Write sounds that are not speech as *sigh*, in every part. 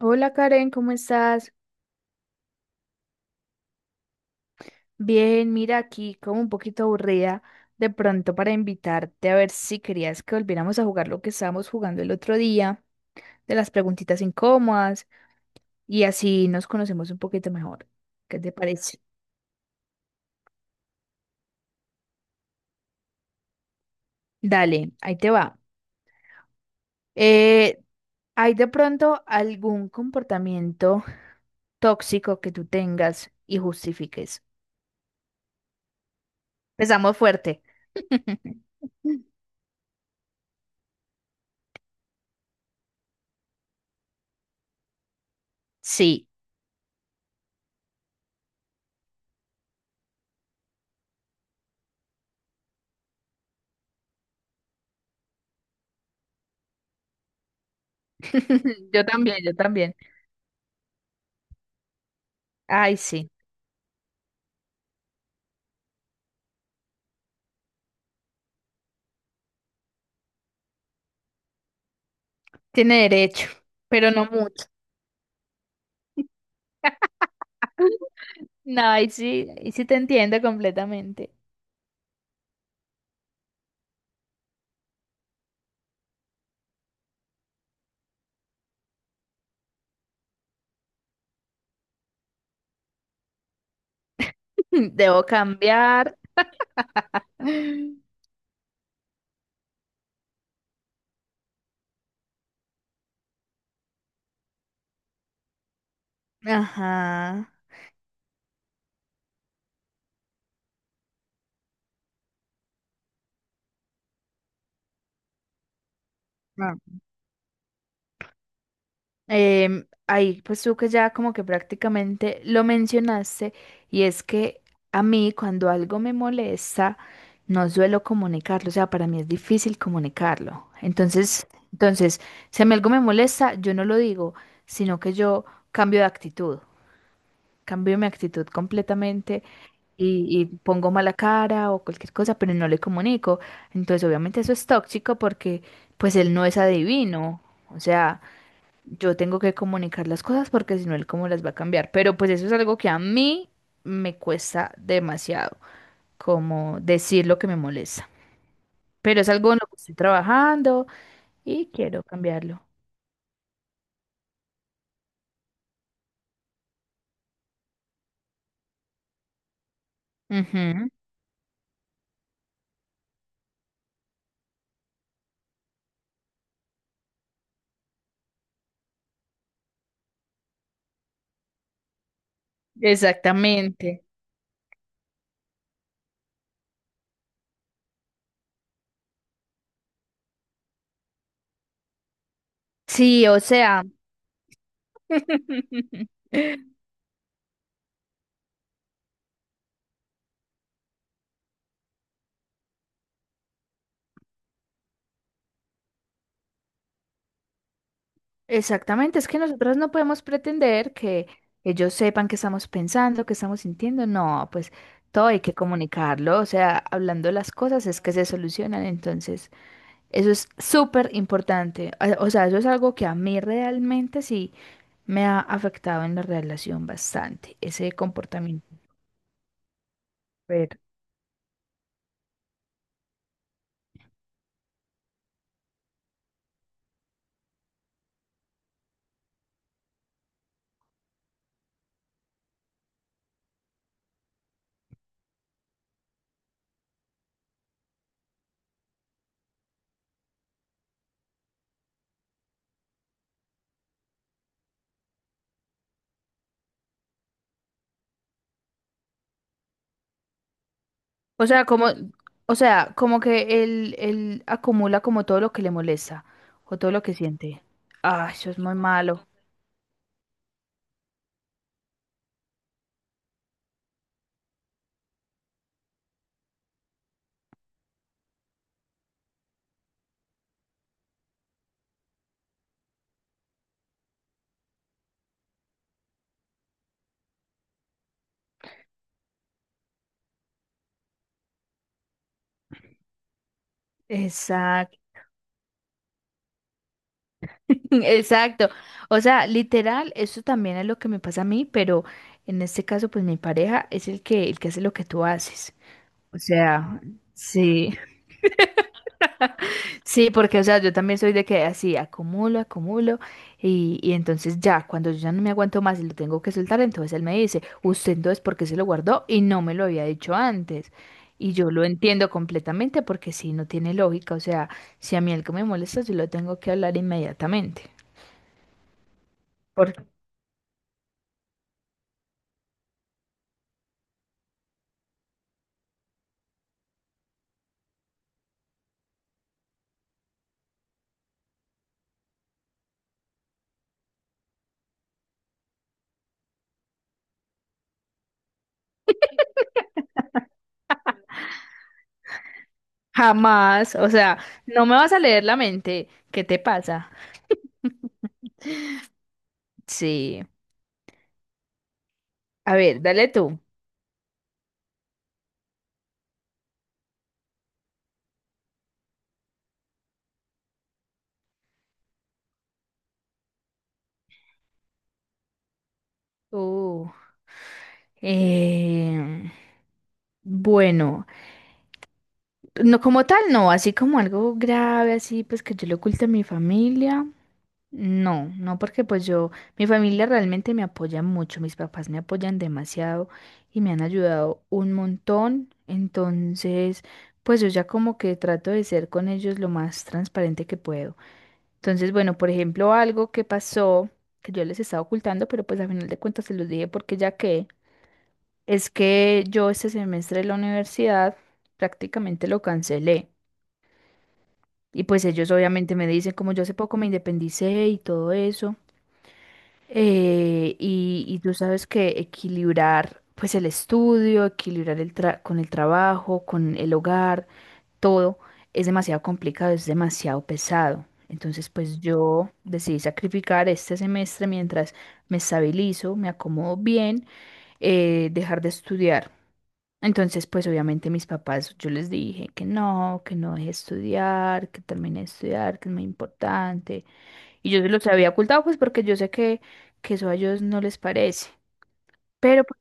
Hola Karen, ¿cómo estás? Bien, mira aquí como un poquito aburrida de pronto para invitarte a ver si querías que volviéramos a jugar lo que estábamos jugando el otro día, de las preguntitas incómodas y así nos conocemos un poquito mejor. ¿Qué te parece? Dale, ahí te va. Eh, ¿Hay de pronto algún comportamiento tóxico que tú tengas y justifiques? Empezamos fuerte. *laughs* Sí, *laughs* yo también, yo también. Ay, sí, tiene derecho, pero no mucho. *laughs* No, ahí sí te entiendo completamente. *laughs* Debo cambiar. Ajá. Ah. Ahí, pues tú que ya como que prácticamente lo mencionaste, y es que a mí cuando algo me molesta, no suelo comunicarlo, o sea, para mí es difícil comunicarlo. Entonces, si a mí algo me molesta, yo no lo digo, sino que yo cambio de actitud. Cambio mi actitud completamente y pongo mala cara o cualquier cosa, pero no le comunico. Entonces, obviamente eso es tóxico porque pues él no es adivino. O sea, yo tengo que comunicar las cosas porque si no, él cómo las va a cambiar. Pero pues eso es algo que a mí me cuesta demasiado, como decir lo que me molesta. Pero es algo en lo que estoy trabajando y quiero cambiarlo. Ujú. Exactamente. Sí, o sea. *laughs* Exactamente, es que nosotros no podemos pretender que ellos sepan qué estamos pensando, qué estamos sintiendo. No, pues todo hay que comunicarlo, o sea, hablando las cosas es que se solucionan. Entonces, eso es súper importante. A- O sea, eso es algo que a mí realmente sí me ha afectado en la relación bastante, ese comportamiento. Pero, o sea, como, o sea, como que él acumula como todo lo que le molesta o todo lo que siente. Ah, eso es muy malo. Exacto. *laughs* Exacto. O sea, literal, eso también es lo que me pasa a mí, pero en este caso, pues mi pareja es el que hace lo que tú haces. O sea, sí, *laughs* sí, porque, o sea, yo también soy de que así acumulo, acumulo, y entonces ya, cuando yo ya no me aguanto más y lo tengo que soltar, entonces él me dice, usted entonces, ¿por qué se lo guardó? Y no me lo había dicho antes. Y yo lo entiendo completamente porque sí, no tiene lógica. O sea, si a mí algo me molesta, yo lo tengo que hablar inmediatamente. ¿Por *laughs* *laughs* Jamás, o sea, no me vas a leer la mente. ¿Qué te pasa? *laughs* Sí. A ver, dale tú. Uh, em, bueno, no como tal, no, así como algo grave, así pues que yo le oculte a mi familia. No, no porque pues yo, mi familia realmente me apoya mucho, mis papás me apoyan demasiado y me han ayudado un montón, entonces pues yo ya como que trato de ser con ellos lo más transparente que puedo. Entonces, bueno, por ejemplo, algo que pasó que yo les estaba ocultando, pero pues a final de cuentas se los dije porque ya que es que yo este semestre de la universidad prácticamente lo cancelé y pues ellos obviamente me dicen como yo hace poco me independicé y todo eso. Y tú sabes que equilibrar pues el estudio, equilibrar el tra- con el trabajo, con el hogar, todo es demasiado complicado, es demasiado pesado. Entonces pues yo decidí sacrificar este semestre mientras me estabilizo, me acomodo bien, dejar de estudiar. Entonces pues obviamente mis papás, yo les dije que no deje de estudiar, que termine de estudiar, que es muy importante. Y yo se los había ocultado, pues porque yo sé que eso a ellos no les parece. Pero pues,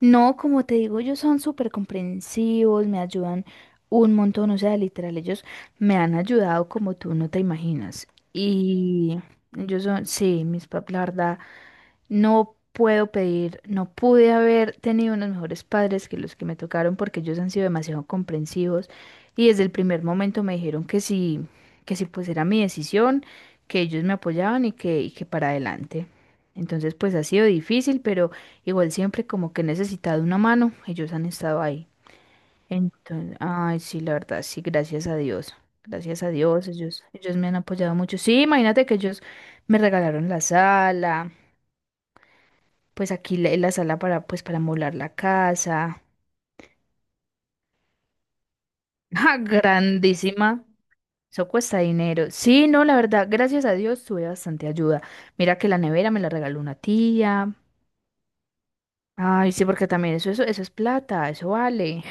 no, como te digo, ellos son súper comprensivos, me ayudan un montón, o sea, literal, ellos me han ayudado como tú no te imaginas. Y ellos son, sí, mis papás. No puedo pedir, no pude haber tenido unos mejores padres que los que me tocaron porque ellos han sido demasiado comprensivos y desde el primer momento me dijeron que sí pues era mi decisión, que ellos me apoyaban y que para adelante. Entonces pues ha sido difícil, pero igual siempre como que he necesitado una mano, ellos han estado ahí. Entonces, ay, sí, la verdad, sí, gracias a Dios. Gracias a Dios, ellos me han apoyado mucho. Sí, imagínate que ellos me regalaron la sala pues aquí la sala para, pues para molar la casa. *laughs* ¡Ja! Grandísima. Eso cuesta dinero. Sí, no, la verdad, gracias a Dios tuve bastante ayuda. Mira que la nevera me la regaló una tía. Ay, sí, porque también eso es plata, eso vale.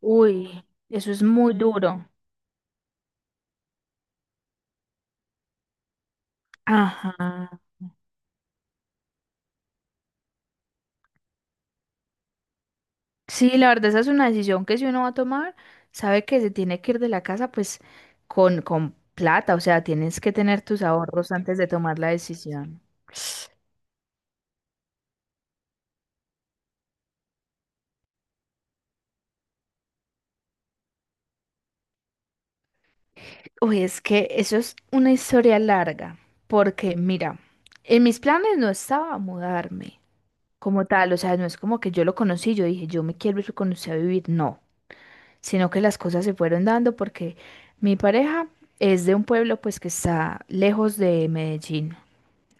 Uy, eso es muy duro. Ajá. Sí, la verdad, esa es una decisión que si uno va a tomar, sabe que se tiene que ir de la casa, pues con plata, o sea, tienes que tener tus ahorros antes de tomar la decisión. Uy, es que eso es una historia larga, porque mira, en mis planes no estaba mudarme como tal, o sea, no es como que yo lo conocí, yo dije, yo me quiero ir con usted a vivir, no, sino que las cosas se fueron dando porque mi pareja es de un pueblo pues que está lejos de Medellín,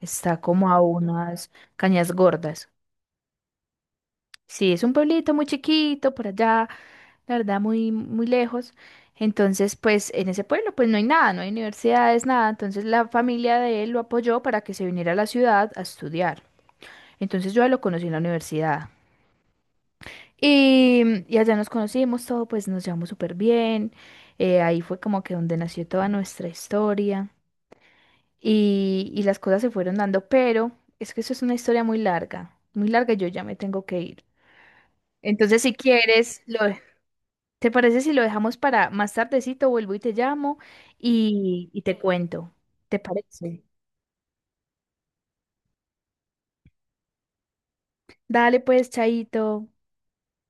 está como a unas cañas gordas. Sí, es un pueblito muy chiquito por allá, la verdad, muy, muy lejos. Entonces, pues en ese pueblo, pues no hay nada, no hay universidades, nada. Entonces la familia de él lo apoyó para que se viniera a la ciudad a estudiar. Entonces yo a él lo conocí en la universidad. Y, y allá nos conocimos todo, pues nos llevamos súper bien. Ahí fue como que donde nació toda nuestra historia. Y las cosas se fueron dando, pero es que eso es una historia muy larga y yo ya me tengo que ir. Entonces, si quieres, lo... ¿Te parece si lo dejamos para más tardecito? Vuelvo y te llamo y te cuento. ¿Te parece? Dale pues, Chaito.